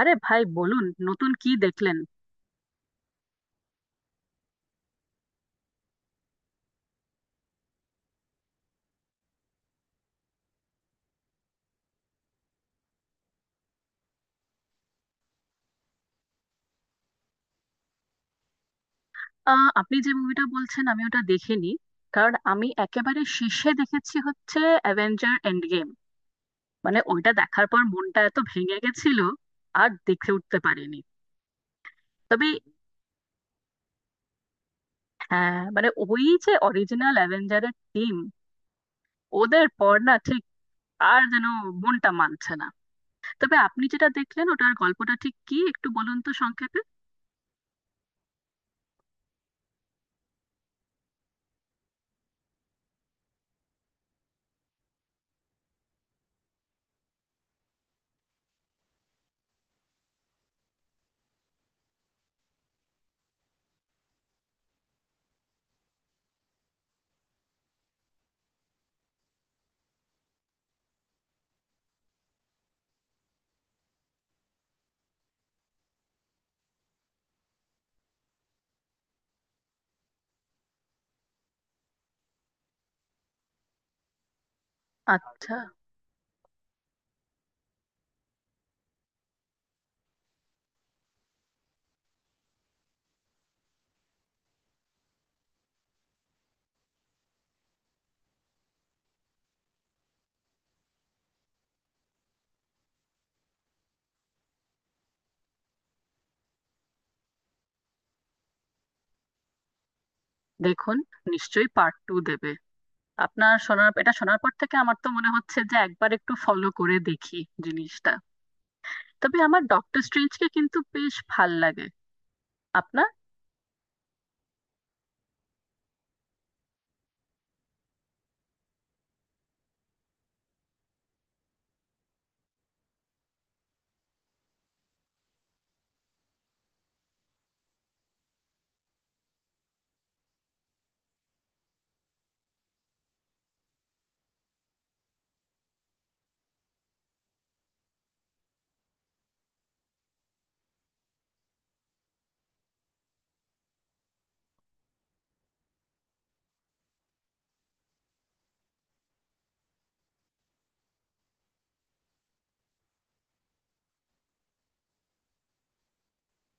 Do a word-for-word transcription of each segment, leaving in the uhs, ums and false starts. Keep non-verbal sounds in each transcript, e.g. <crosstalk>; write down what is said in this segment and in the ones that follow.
আরে ভাই বলুন, নতুন কি দেখলেন? আহ, আপনি যে মুভিটা বলছেন আমি ওটা দেখিনি। কারণ আমি একেবারে শেষে দেখেছি হচ্ছে অ্যাভেঞ্জার এন্ড গেম। মানে ওইটা দেখার পর মনটা এত ভেঙে গেছিল, আর দেখে উঠতে পারিনি। তবে হ্যাঁ, মানে ওই যে অরিজিনাল অ্যাভেঞ্জারের টিম, ওদের পর না ঠিক আর যেন মনটা মানছে না। তবে আপনি যেটা দেখলেন ওটার গল্পটা ঠিক কি একটু বলুন তো সংক্ষেপে। আচ্ছা, দেখুন, নিশ্চয়ই পার্ট টু দেবে। আপনার শোনার এটা শোনার পর থেকে আমার তো মনে হচ্ছে যে একবার একটু ফলো করে দেখি জিনিসটা। তবে আমার ডক্টর স্ট্রেঞ্জকে কিন্তু বেশ ভাল লাগে। আপনার?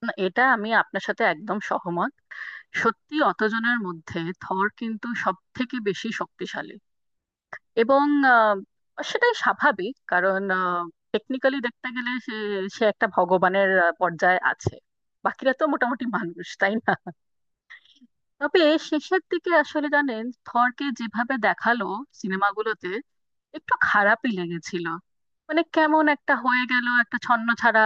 না, এটা আমি আপনার সাথে একদম সহমত। সত্যি অতজনের মধ্যে থর কিন্তু সব থেকে বেশি শক্তিশালী এবং আহ, সেটাই স্বাভাবিক। কারণ টেকনিক্যালি দেখতে গেলে সে সে একটা ভগবানের আহ, পর্যায়ে আছে। বাকিরা তো মোটামুটি মানুষ, তাই না? তবে শেষের দিকে আসলে জানেন, থরকে যেভাবে দেখালো সিনেমাগুলোতে, একটু খারাপই লেগেছিল। মানে কেমন একটা হয়ে গেল, একটা ছন্নছাড়া,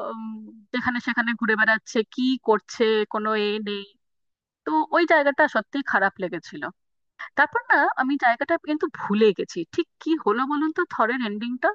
উম, যেখানে সেখানে ঘুরে বেড়াচ্ছে, কি করছে, কোনো এ নেই। তো ওই জায়গাটা সত্যিই খারাপ লেগেছিল। তারপর না, আমি জায়গাটা কিন্তু ভুলে গেছি, ঠিক কি হলো বলুন তো থরের এন্ডিংটা।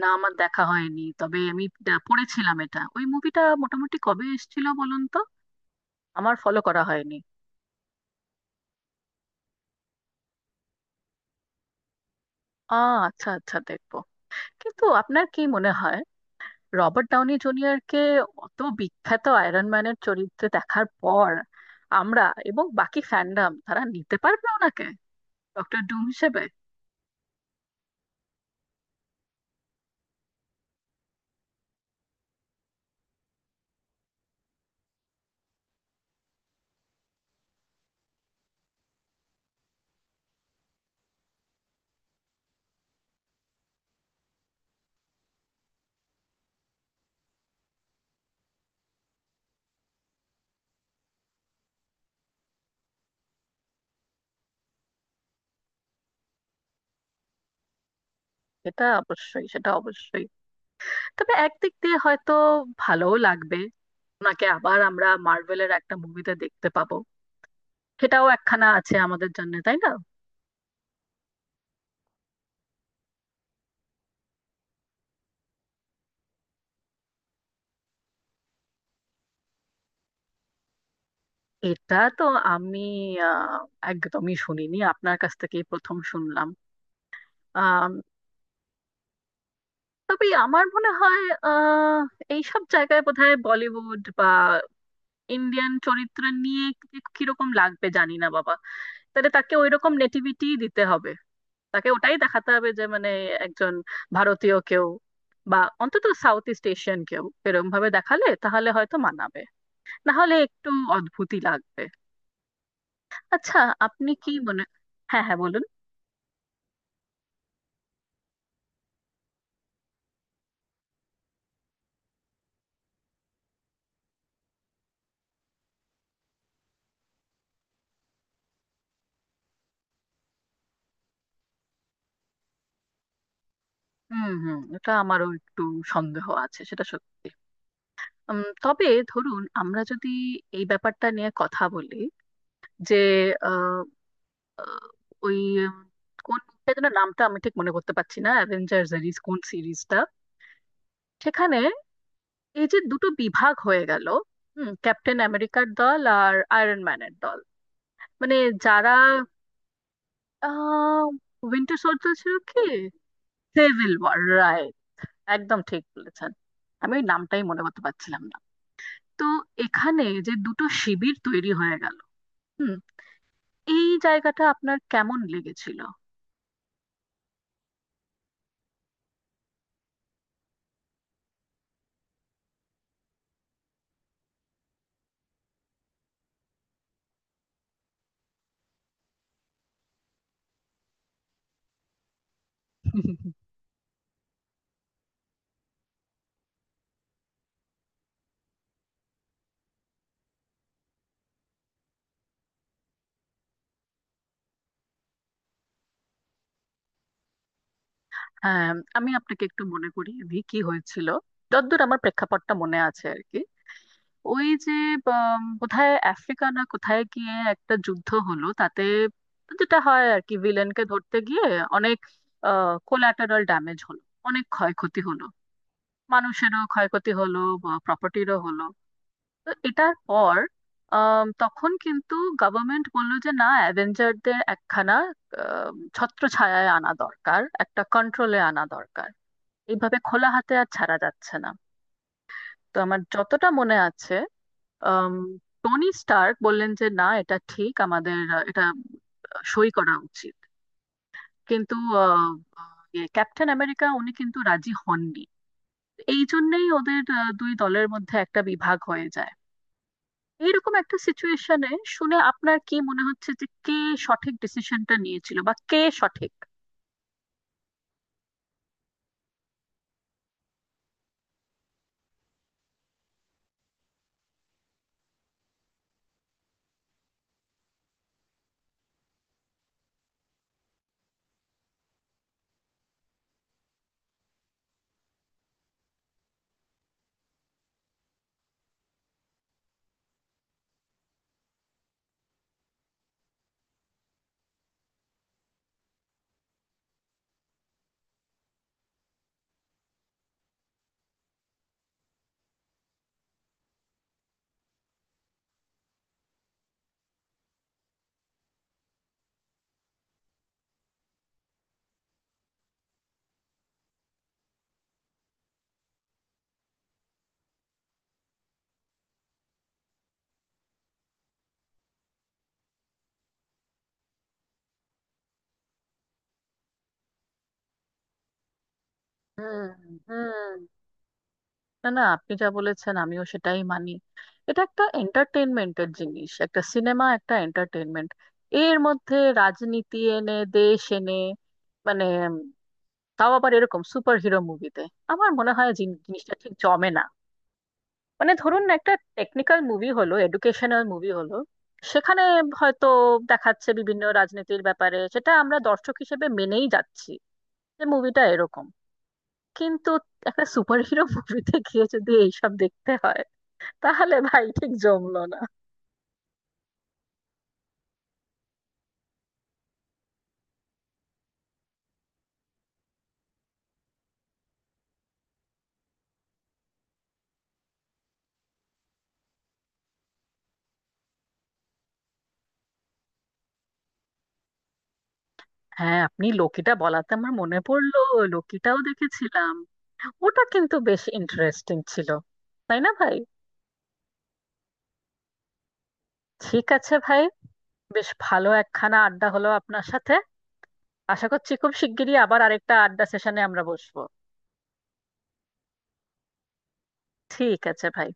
না, আমার দেখা হয়নি, তবে আমি ডা- পড়েছিলাম এটা। ওই মুভিটা মোটামুটি কবে এসেছিল বলুন তো? আমার ফলো করা হয়নি। আ, আচ্ছা আচ্ছা, দেখবো। কিন্তু আপনার কি মনে হয়, রবার্ট ডাউনি জুনিয়রকে অত বিখ্যাত আয়রন ম্যানের চরিত্রে দেখার পর আমরা এবং বাকি ফ্যান্ডাম তারা নিতে পারবে ওনাকে ডক্টর ডুম হিসেবে? এটা অবশ্যই, সেটা অবশ্যই। তবে একদিক দিয়ে হয়তো ভালোও লাগবে, ওনাকে আবার আমরা মার্ভেলের একটা মুভিতে দেখতে পাবো। সেটাও একখানা আছে আমাদের জন্য, তাই না? এটা তো আমি আহ, একদমই শুনিনি, আপনার কাছ থেকেই প্রথম শুনলাম। তবে আমার মনে হয় আহ এইসব জায়গায় বোধহয় বলিউড বা ইন্ডিয়ান চরিত্র নিয়ে কি- কিরকম লাগবে জানি না বাবা। তাহলে তাকে ওই রকম নেটিভিটি দিতে হবে, তাকে ওটাই দেখাতে হবে যে মানে একজন ভারতীয় কেউ, বা অন্তত সাউথ ইস্ট এশিয়ান কেউ, এরকম ভাবে দেখালে তাহলে হয়তো মানাবে, না হলে একটু অদ্ভুতই লাগবে। আচ্ছা, আপনি কি মনে — হ্যাঁ হ্যাঁ, বলুন। হুম হুম, এটা আমারও একটু সন্দেহ আছে, সেটা সত্যি। উম, তবে ধরুন আমরা যদি এই ব্যাপারটা নিয়ে কথা বলি, যে আহ, আহ, ওই উম, কোন মুভিটা যেন, নামটা আমি ঠিক মনে করতে পারছি না, অ্যাভেঞ্জার্স সিরিজ কোন সিরিজটা, সেখানে এই যে দুটো বিভাগ হয়ে গেল। হুম, ক্যাপ্টেন আমেরিকার দল আর আয়রন ম্যানের দল। মানে যারা আহ উইন্টার সোলজার ছিল কি? Civil War, right. একদম ঠিক বলেছেন, আমি ওই নামটাই মনে করতে পারছিলাম না। তো এখানে যে দুটো শিবির তৈরি হয়ে গেল, এই জায়গাটা আপনার কেমন লেগেছিল? <laughs> হ্যাঁ, আমি আপনাকে একটু মনে করিয়ে দিই কি হয়েছিল, যতদূর আমার প্রেক্ষাপটটা মনে আছে আর কি। ওই যে উম, কোথায় আফ্রিকা না কোথায় গিয়ে একটা যুদ্ধ হলো, তাতে যেটা হয় আর কি, ভিলেনকে ধরতে গিয়ে অনেক কোলাটারাল ড্যামেজ হলো, অনেক ক্ষয়ক্ষতি হলো, মানুষেরও ক্ষয়ক্ষতি হলো, প্রপার্টিরও হলো। তো এটার পর আম, তখন কিন্তু গভর্নমেন্ট বললো যে না, অ্যাভেঞ্জারদের একখানা আম, ছত্রছায়ায় আনা দরকার, একটা কন্ট্রোলে আনা দরকার, এইভাবে খোলা হাতে আর ছাড়া যাচ্ছে না। তো আমার যতটা মনে আছে, আম, টনি স্টার্ক বললেন যে না, এটা ঠিক, আমাদের আহ, এটা সই করা উচিত। কিন্তু আহ, আহ, ইয়ে, ক্যাপ্টেন আমেরিকা উনি কিন্তু রাজি হননি। এই জন্যেই ওদের আহ, দুই দলের মধ্যে একটা বিভাগ হয়ে যায়। এইরকম একটা সিচুয়েশনে শুনে আপনার কি মনে হচ্ছে, যে কে সঠিক ডিসিশনটা নিয়েছিল, বা কে সঠিক? হুম হুম। না না, আপনি যা বলেছেন আমিও সেটাই মানি। এটা একটা এন্টারটেনমেন্টের জিনিস, একটা সিনেমা, একটা এন্টারটেনমেন্ট, এর মধ্যে রাজনীতি এনে, দেশ এনে, মানে উম, তাও আবার এরকম সুপার হিরো মুভিতে, আমার মনে হয় জিন- জিনিসটা ঠিক জমে না। মানে ধরুন না, একটা টেকনিক্যাল মুভি হলো, এডুকেশনাল মুভি হলো, সেখানে হয়তো দেখাচ্ছে বিভিন্ন রাজনীতির ব্যাপারে, সেটা আমরা দর্শক হিসেবে মেনেই যাচ্ছি যে মুভিটা এরকম। কিন্তু একটা সুপারহিরো মুভিতে <laughs> গিয়ে যদি এইসব দেখতে হয়, তাহলে ভাই ঠিক জমলো না। হ্যাঁ, আপনি লোকিটা বলাতে আমার মনে পড়লো, লোকিটাও দেখেছিলাম। ওটা কিন্তু বেশ ইন্টারেস্টিং ছিল, তাই না ভাই? ঠিক আছে ভাই, বেশ ভালো একখানা আড্ডা হলো আপনার সাথে। আশা করছি খুব শিগগিরই আবার আরেকটা আড্ডা সেশনে আমরা বসবো। ঠিক আছে ভাই।